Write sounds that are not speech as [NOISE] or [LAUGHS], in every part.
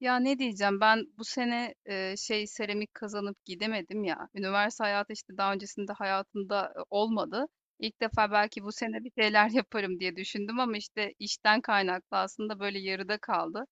Ya ne diyeceğim ben bu sene şey seramik kazanıp gidemedim ya. Üniversite hayatı işte daha öncesinde hayatımda olmadı. İlk defa belki bu sene bir şeyler [LAUGHS] yaparım diye düşündüm ama işte işten kaynaklı aslında böyle yarıda kaldı.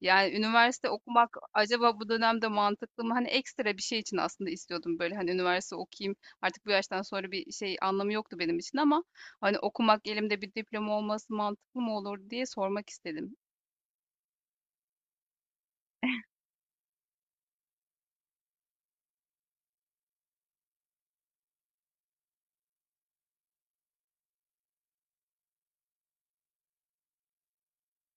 Yani üniversite okumak acaba bu dönemde mantıklı mı? Hani ekstra bir şey için aslında istiyordum böyle hani üniversite okuyayım. Artık bu yaştan sonra bir şey anlamı yoktu benim için ama hani okumak elimde bir diploma olması mantıklı mı olur diye sormak istedim.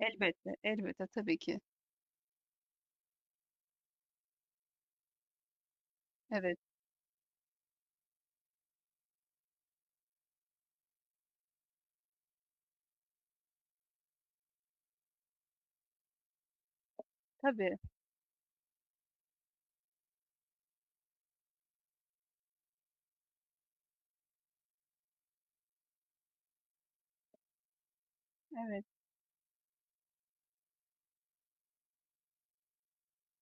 Elbette, elbette tabii ki. Evet. Tabii, evet.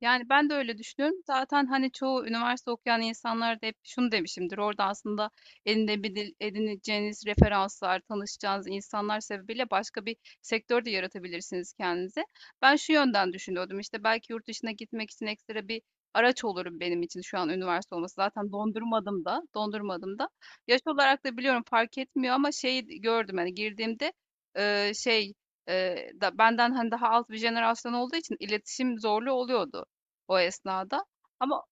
Yani ben de öyle düşünüyorum. Zaten hani çoğu üniversite okuyan insanlar da hep şunu demişimdir. Orada aslında elinde edineceğiniz referanslar, tanışacağınız insanlar sebebiyle başka bir sektör de yaratabilirsiniz kendinize. Ben şu yönden düşünüyordum. İşte belki yurt dışına gitmek için ekstra bir araç olurum benim için şu an üniversite olması. Zaten dondurmadım da, dondurmadım da. Yaş olarak da biliyorum fark etmiyor ama şeyi gördüm hani girdiğimde şey da benden hani daha alt bir jenerasyon olduğu için iletişim zorlu oluyordu o esnada ama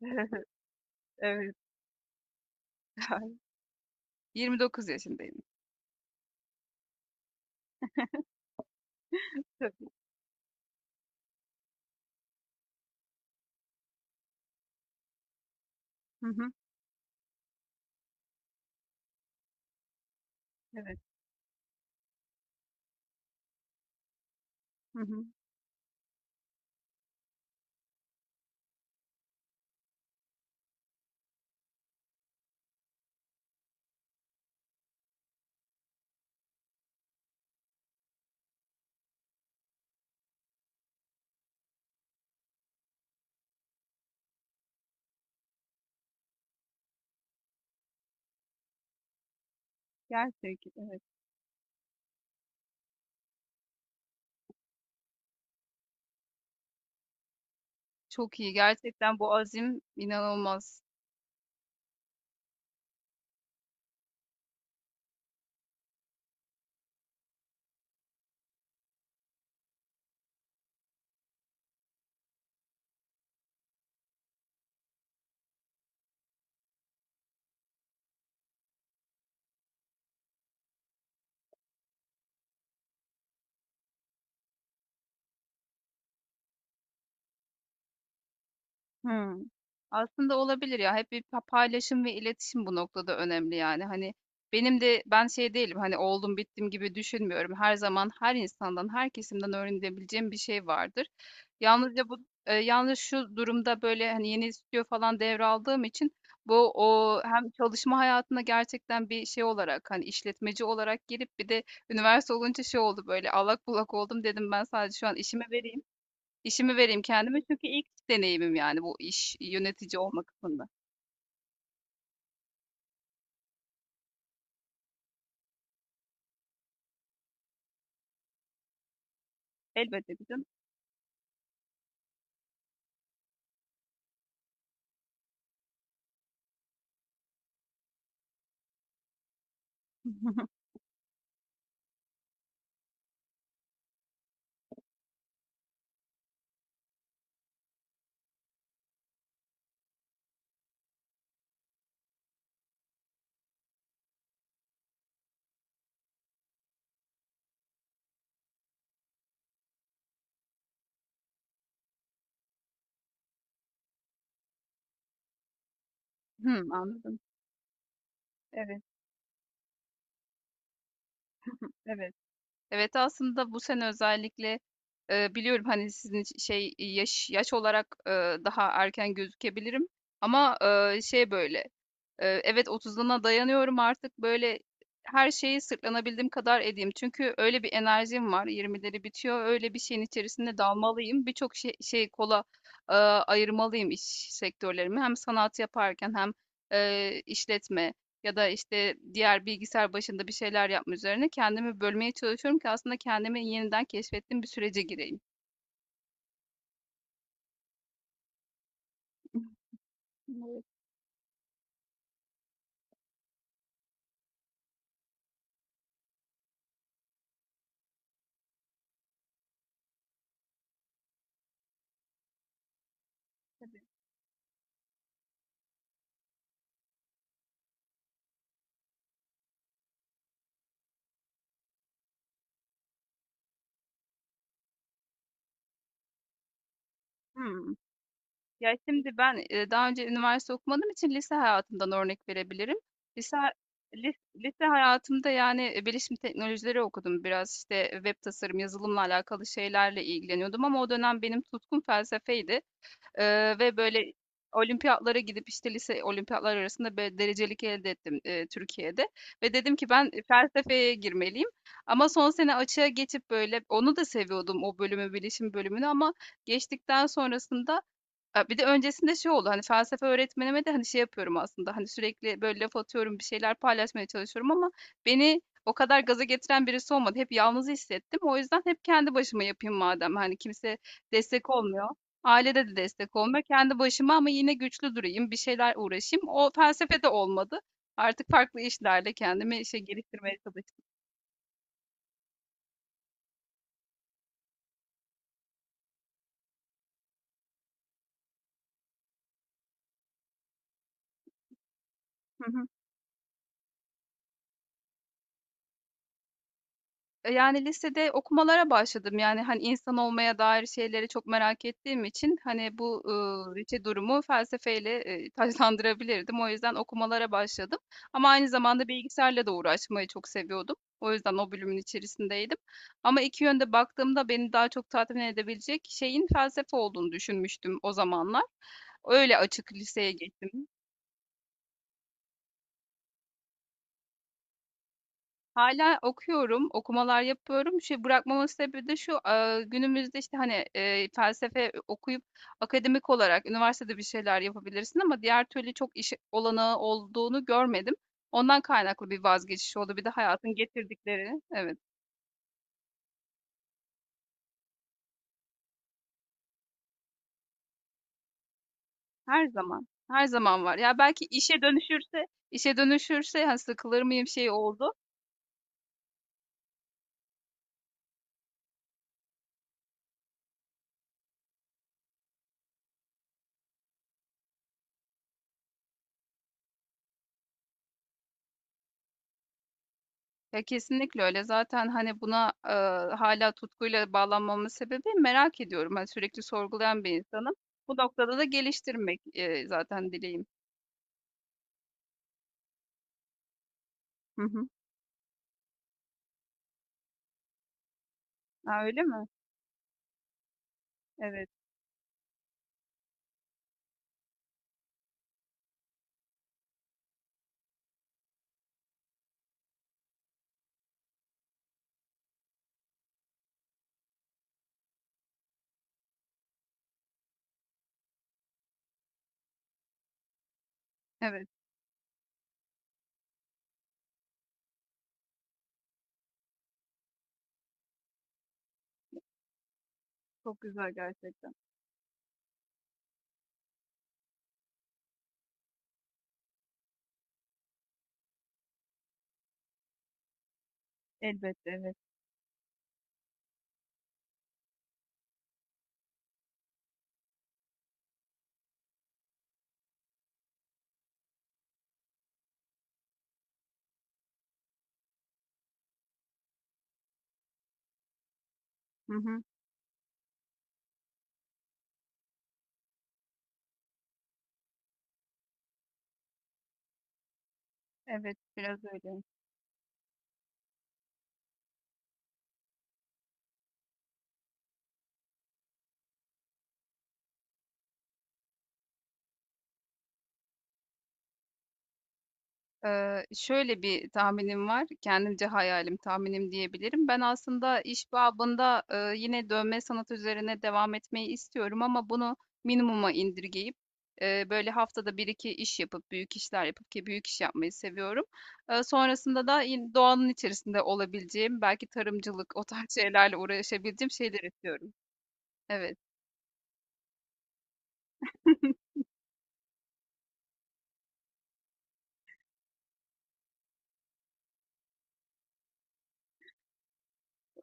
[LAUGHS] evet, yani. 29 yaşındayım. Tabii. Hı hı. Evet. Hı hı. Gerçek, evet. Çok iyi. Gerçekten bu azim inanılmaz. Hımm. Aslında olabilir ya. Hep bir paylaşım ve iletişim bu noktada önemli yani. Hani, benim de şey değilim, hani, oldum bittim gibi düşünmüyorum. Her zaman her insandan, her kesimden öğrenebileceğim bir şey vardır. Yalnızca bu yalnız şu durumda, böyle, hani, yeni stüdyo falan devraldığım için bu hem çalışma hayatına gerçekten bir şey olarak, hani, işletmeci olarak girip bir de üniversite olunca şey oldu, böyle, allak bullak oldum. Dedim ben sadece şu an işime vereyim. İşimi vereyim kendime çünkü ilk deneyimim yani bu iş yönetici olma kısmında. Elbette bizim. [LAUGHS] Hımm, anladım. Evet, evet. Evet, aslında bu sene özellikle, biliyorum, hani, sizin için şey, yaş olarak, daha erken gözükebilirim ama, evet 30'una dayanıyorum artık böyle her şeyi sırtlanabildiğim kadar edeyim. Çünkü öyle bir enerjim var. Yirmileri bitiyor. Öyle bir şeyin içerisinde dalmalıyım. Birçok şey, şey kola ayırmalıyım iş sektörlerimi. Hem sanat yaparken hem işletme ya da işte diğer bilgisayar başında bir şeyler yapma üzerine kendimi bölmeye çalışıyorum ki aslında kendimi yeniden keşfettiğim bir sürece gireyim. [LAUGHS] Evet. Hmm. Ya şimdi ben daha önce üniversite okumadığım için lise hayatımdan örnek verebilirim. Lise, Lise hayatımda yani bilişim teknolojileri okudum. Biraz işte web tasarım, yazılımla alakalı şeylerle ilgileniyordum ama o dönem benim tutkum felsefeydi. Ve böyle olimpiyatlara gidip işte lise olimpiyatlar arasında bir derecelik elde ettim Türkiye'de. Ve dedim ki ben felsefeye girmeliyim. Ama son sene açığa geçip böyle onu da seviyordum o bölümü, bilişim bölümünü ama geçtikten sonrasında bir de öncesinde şey oldu, hani, felsefe öğretmenime de, hani, şey yapıyorum aslında, hani, sürekli, böyle, laf atıyorum, bir şeyler paylaşmaya çalışıyorum ama beni o kadar gaza getiren birisi olmadı. Hep yalnız hissettim. O yüzden hep kendi başıma yapayım madem, hani, kimse destek olmuyor. Ailede de destek olmuyor. Kendi başıma ama yine güçlü durayım, bir şeyler uğraşayım. O felsefe de olmadı. Artık farklı işlerle kendimi, işe geliştirmeye çalıştım. [LAUGHS] Yani lisede okumalara başladım. Yani, hani, insan olmaya dair şeyleri çok merak ettiğim için, hani, bu, iki durumu felsefeyle, taçlandırabilirdim. O yüzden okumalara başladım ama aynı zamanda bilgisayarla da uğraşmayı çok seviyordum. O yüzden o bölümün içerisindeydim ama iki yönde baktığımda beni daha çok tatmin edebilecek şeyin felsefe olduğunu düşünmüştüm o zamanlar. Öyle açık liseye geçtim. Hala okuyorum, okumalar yapıyorum. Şey, bırakmamın sebebi de şu, günümüzde, işte, hani, felsefe okuyup akademik olarak üniversitede bir şeyler yapabilirsin ama diğer türlü çok iş olanağı olduğunu görmedim. Ondan kaynaklı bir vazgeçiş oldu. Bir de hayatın getirdikleri. Evet, her zaman, her zaman var. Ya, belki işe dönüşürse, hani, sıkılır mıyım şey oldu. Ya, kesinlikle öyle. Zaten, hani, buna, hâlâ tutkuyla bağlanmamın sebebi merak ediyorum. Hani, sürekli sorgulayan bir insanım. Bu noktada da geliştirmek, zaten dileğim. Hı hı. A, öyle mi? Evet, evet. Çok güzel gerçekten. Elbette, evet. Hı hı. Evet, biraz öyle. Şöyle bir tahminim var, kendimce hayalim, tahminim diyebilirim. Ben aslında iş babında, yine dövme sanatı üzerine devam etmeyi istiyorum ama bunu minimuma indirgeyip, böyle haftada bir iki iş yapıp, büyük işler yapıp ki büyük iş yapmayı seviyorum. Sonrasında da yine doğanın içerisinde olabileceğim, belki tarımcılık, o tarz [LAUGHS] şeylerle uğraşabileceğim şeyler istiyorum. Evet. [LAUGHS]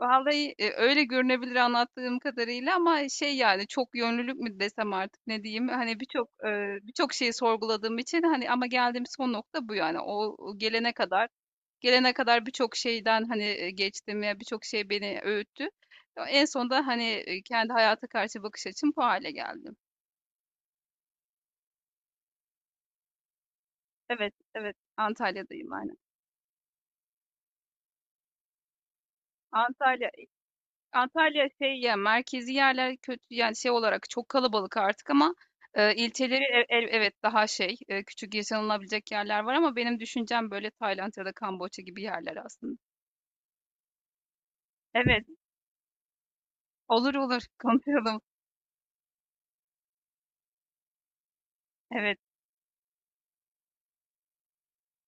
Vallahi öyle görünebilir anlattığım kadarıyla ama şey yani çok yönlülük mü desem artık ne diyeyim hani birçok birçok şeyi sorguladığım için hani ama geldiğim son nokta bu yani o o gelene kadar gelene kadar birçok şeyden hani geçtim ya birçok şey beni öğüttü. En sonunda hani kendi hayata karşı bakış açım bu hale geldim. Evet, evet Antalya'dayım aynen. Antalya Antalya şey ya merkezi yerler kötü yani şey olarak çok kalabalık artık ama ilçeleri evet daha şey küçük yaşanılabilecek yerler var ama benim düşüncem böyle Tayland ya da Kamboçya gibi yerler aslında. Evet, olur olur [LAUGHS] konuşalım. Evet,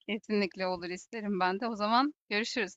kesinlikle olur isterim ben de. O zaman görüşürüz.